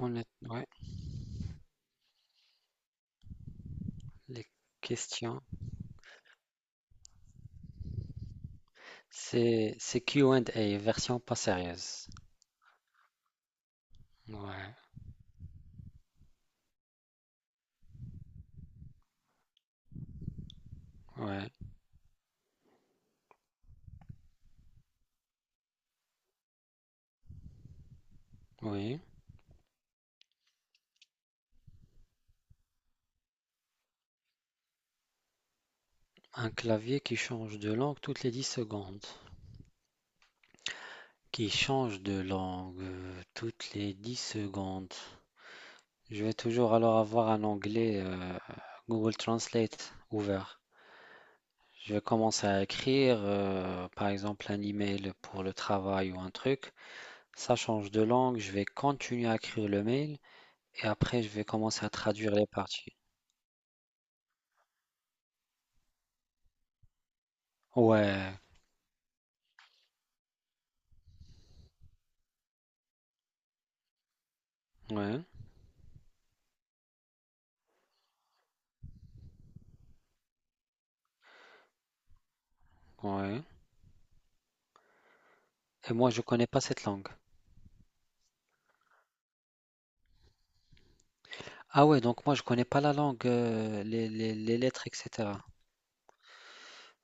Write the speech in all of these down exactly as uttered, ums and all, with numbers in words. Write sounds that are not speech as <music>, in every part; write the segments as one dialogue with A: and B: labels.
A: Honnête- ouais, les questions. C'est c'est Q and A version pas sérieuse. Ouais, ouais, oui. Un clavier qui change de langue toutes les dix secondes. Qui change de langue euh, toutes les dix secondes. Je vais toujours alors avoir un onglet euh, Google Translate ouvert. Je vais commencer à écrire, euh, par exemple, un email pour le travail ou un truc. Ça change de langue, je vais continuer à écrire le mail. Et après, je vais commencer à traduire les parties. Ouais, ouais, ouais. Et moi, je connais pas cette langue. Ah ouais, donc moi, je connais pas la langue, euh, les, les- les lettres, et cætera.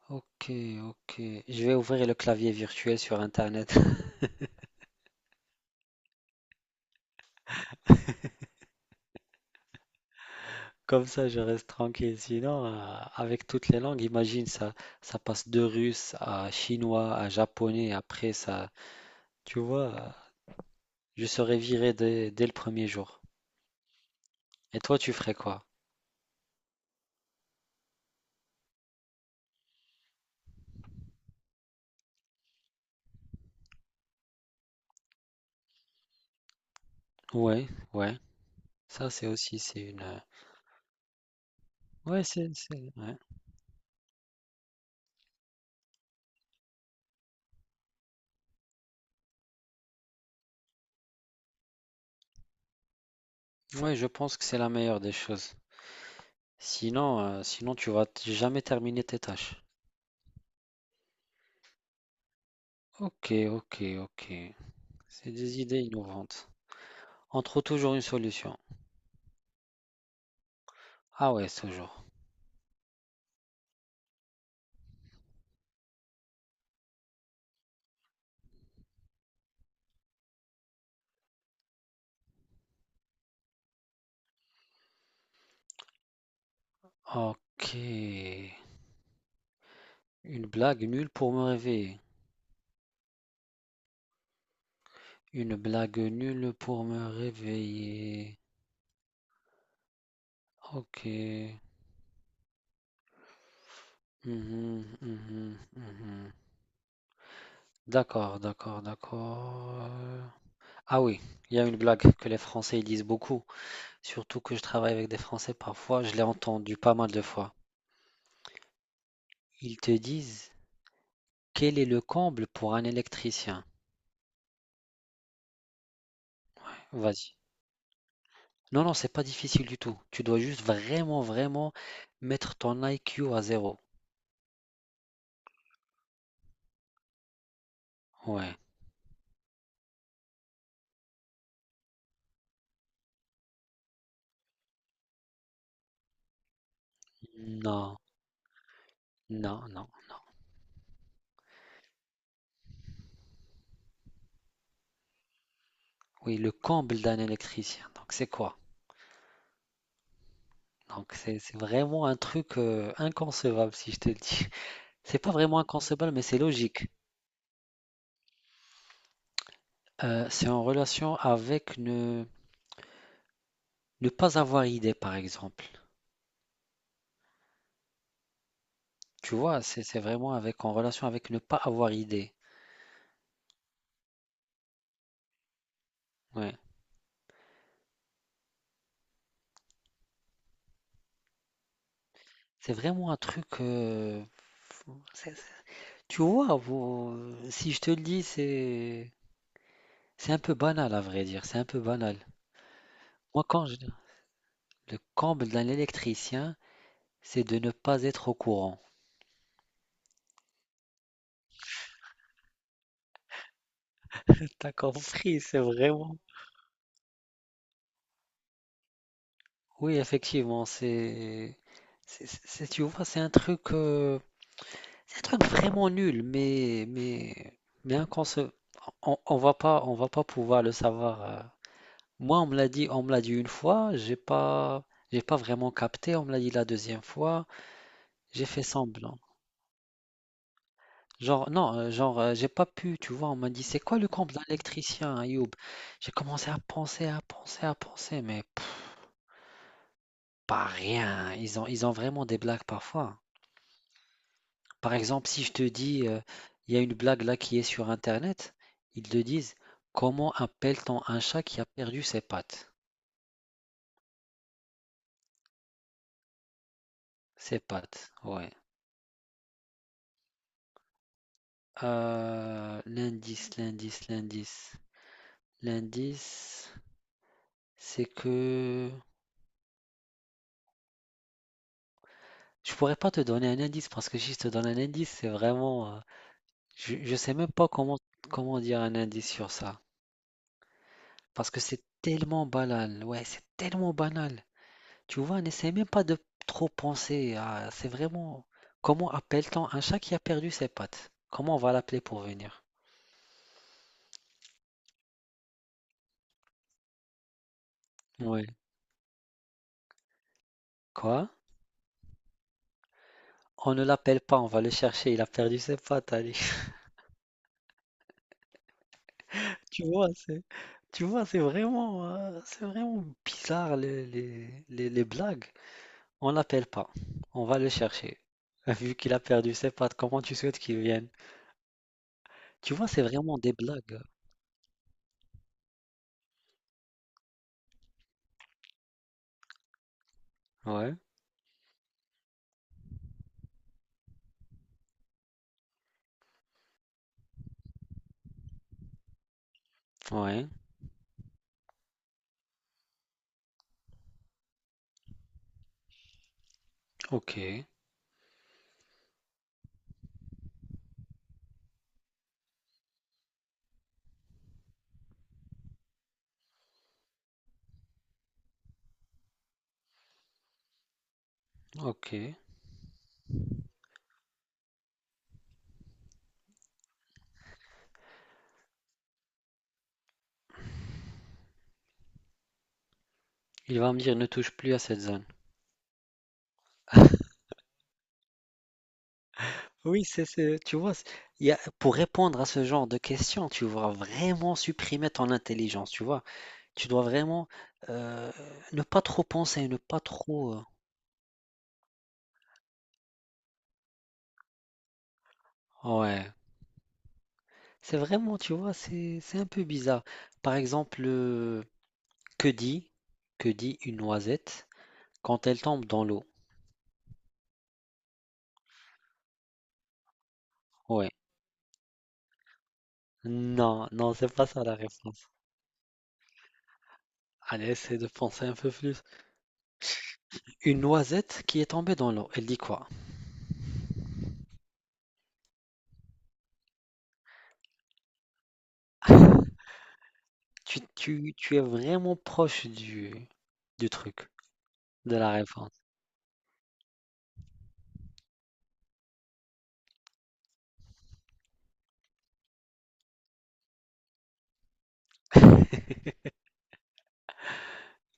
A: Ok, ok. Je vais ouvrir le clavier virtuel sur Internet. <laughs> Comme ça, je reste tranquille. Sinon, euh, avec toutes les langues, imagine ça, ça passe de russe à chinois à japonais. Après, ça, tu vois, euh, je serais viré dès, dès le premier jour. Et toi, tu ferais quoi? Ouais, ouais. Ça, c'est aussi, c'est une. Ouais, c'est, c'est- ouais. Ouais, je pense que c'est la meilleure des choses. Sinon, euh, sinon tu vas t- jamais terminer tes tâches. Ok, ok, ok. C'est des idées innovantes. On trouve toujours une solution. Ah ouais, toujours. Ok. Une blague nulle pour me réveiller. Une blague nulle pour me réveiller. Ok. Mhm, mhm, mhm. D'accord, d'accord, d'accord. Ah oui, il y a une blague que les Français ils disent beaucoup. Surtout que je travaille avec des Français parfois, je l'ai entendu pas mal de fois. Ils te disent, quel est le comble pour un électricien? Vas-y. Non, non, c'est pas difficile du tout. Tu dois juste vraiment, vraiment mettre ton I. Q. à zéro. Ouais. Non, non, non. Oui, le comble d'un électricien. Donc, c'est quoi? Donc, c'est c'est vraiment un truc euh, inconcevable, si je te le dis. <laughs> C'est pas vraiment inconcevable, mais c'est logique. Euh, c'est en relation avec ne, ne pas avoir idée, par exemple. Tu vois, c'est c'est vraiment avec en relation avec ne pas avoir idée. Ouais. C'est vraiment un truc. euh, c'est- c'est- tu vois, vous- si je te le dis, c'est c'est un peu banal à vrai dire. C'est un peu banal. Moi, quand je, le comble d'un électricien, c'est de ne pas être au courant. <laughs> T'as compris, c'est vraiment. Oui, effectivement, c'est, c'est, c'est- c'est- tu vois, c'est un truc, euh, c'est un truc vraiment nul, mais, mais, mais inconce- on, on va pas, on va pas pouvoir le savoir. euh, Moi, on me l'a dit, on me l'a dit une fois, j'ai pas, j'ai pas vraiment capté. On me l'a dit la deuxième fois, j'ai fait semblant. Genre, non, euh, genre, euh, j'ai pas pu, tu vois. On m'a dit, c'est quoi le compte de l'électricien, Ayoub? J'ai commencé à penser, à penser, à penser, mais pff, pas rien. Hein. Ils ont, ils ont vraiment des blagues parfois. Hein. Par exemple, si je te dis, euh, il y a une blague là qui est sur Internet, ils te disent, comment appelle-t-on un chat qui a perdu ses pattes? Ses pattes, ouais. Euh, l'indice, l'indice, l'indice. L'indice, c'est que je pourrais pas te donner un indice parce que si je te donne un indice, c'est vraiment, euh, je, je sais même pas comment comment dire un indice sur ça parce que c'est tellement banal. Ouais, c'est tellement banal. Tu vois, n'essaie même pas de trop penser à, c'est vraiment comment appelle-t-on un chat qui a perdu ses pattes? Comment on va l'appeler pour venir? Ouais. Quoi? On ne l'appelle pas, on va le chercher. Il a perdu ses pattes, allez. Tu vois, c'est, tu vois, c'est vraiment, euh, c'est vraiment bizarre les, les, les, les blagues. On l'appelle pas. On va le chercher. <laughs> Vu qu'il a perdu ses pattes, comment tu souhaites qu'il vienne? Tu vois, c'est vraiment des blagues. Ouais, ouais, ok, ok. Il va me dire ne touche plus à cette zone. Oui, c'est, c'est- tu vois, c'est- il y a- pour répondre à ce genre de questions, tu dois vraiment supprimer ton intelligence, tu vois. Tu dois vraiment euh, ne pas trop penser, ne pas trop. Euh, ouais, c'est vraiment, tu vois, c'est c'est un peu bizarre. Par exemple, euh, que dit, que dit une noisette quand elle tombe dans l'eau? Ouais. Non, non, c'est pas ça la réponse. Allez, essaie de penser un peu plus. Une noisette qui est tombée dans l'eau, elle dit quoi? Tu, tu, tu es vraiment proche du, du truc, de la réponse.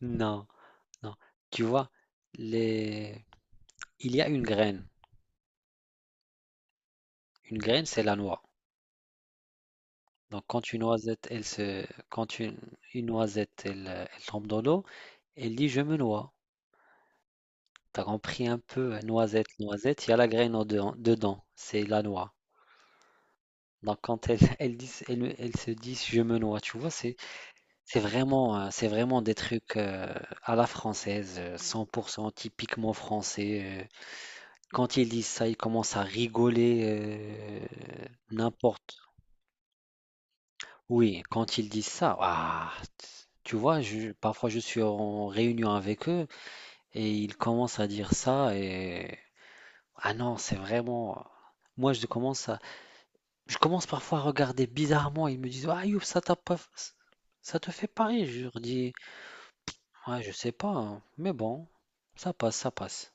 A: Non, non. Tu vois, les... il y a une graine. Une graine, c'est la noix. Donc, quand une noisette, elle se, quand une, une noisette, elle, euh, elle tombe dans l'eau, elle dit je me noie. T'as compris un peu, euh, noisette, noisette, il y a la graine en dedans, dedans, c'est la noix. Donc, quand elle, <laughs> elle dit, elle, elle se dit je me noie, tu vois, c'est, c'est vraiment, euh, c'est vraiment des trucs euh, à la française, euh, cent pour cent typiquement français. Euh. Quand ils disent ça, ils commencent à rigoler euh, n'importe. Oui, quand ils disent ça, ah, tu vois, je- parfois je suis en réunion avec eux et ils commencent à dire ça et ah non, c'est vraiment. Moi, je commence à, je commence parfois à regarder bizarrement. Ils me disent, ah Youp, ça t'a pas, ça te fait pareil. Je leur dis, ouais, je sais pas, hein, mais bon, ça passe, ça passe.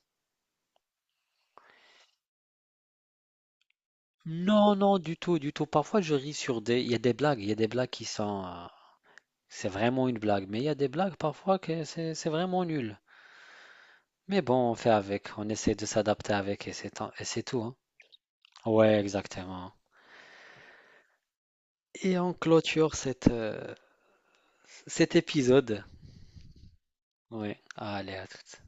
A: Non, non, du tout, du tout. Parfois, je ris sur des, il y a des blagues, il y a des blagues qui sont, euh, c'est vraiment une blague, mais il y a des blagues parfois que c'est, c'est vraiment nul. Mais bon, on fait avec, on essaie de s'adapter avec et c'est, et c'est tout, hein. Ouais, exactement. Et on clôture cette, euh, cet épisode. Ouais, allez, à toutes.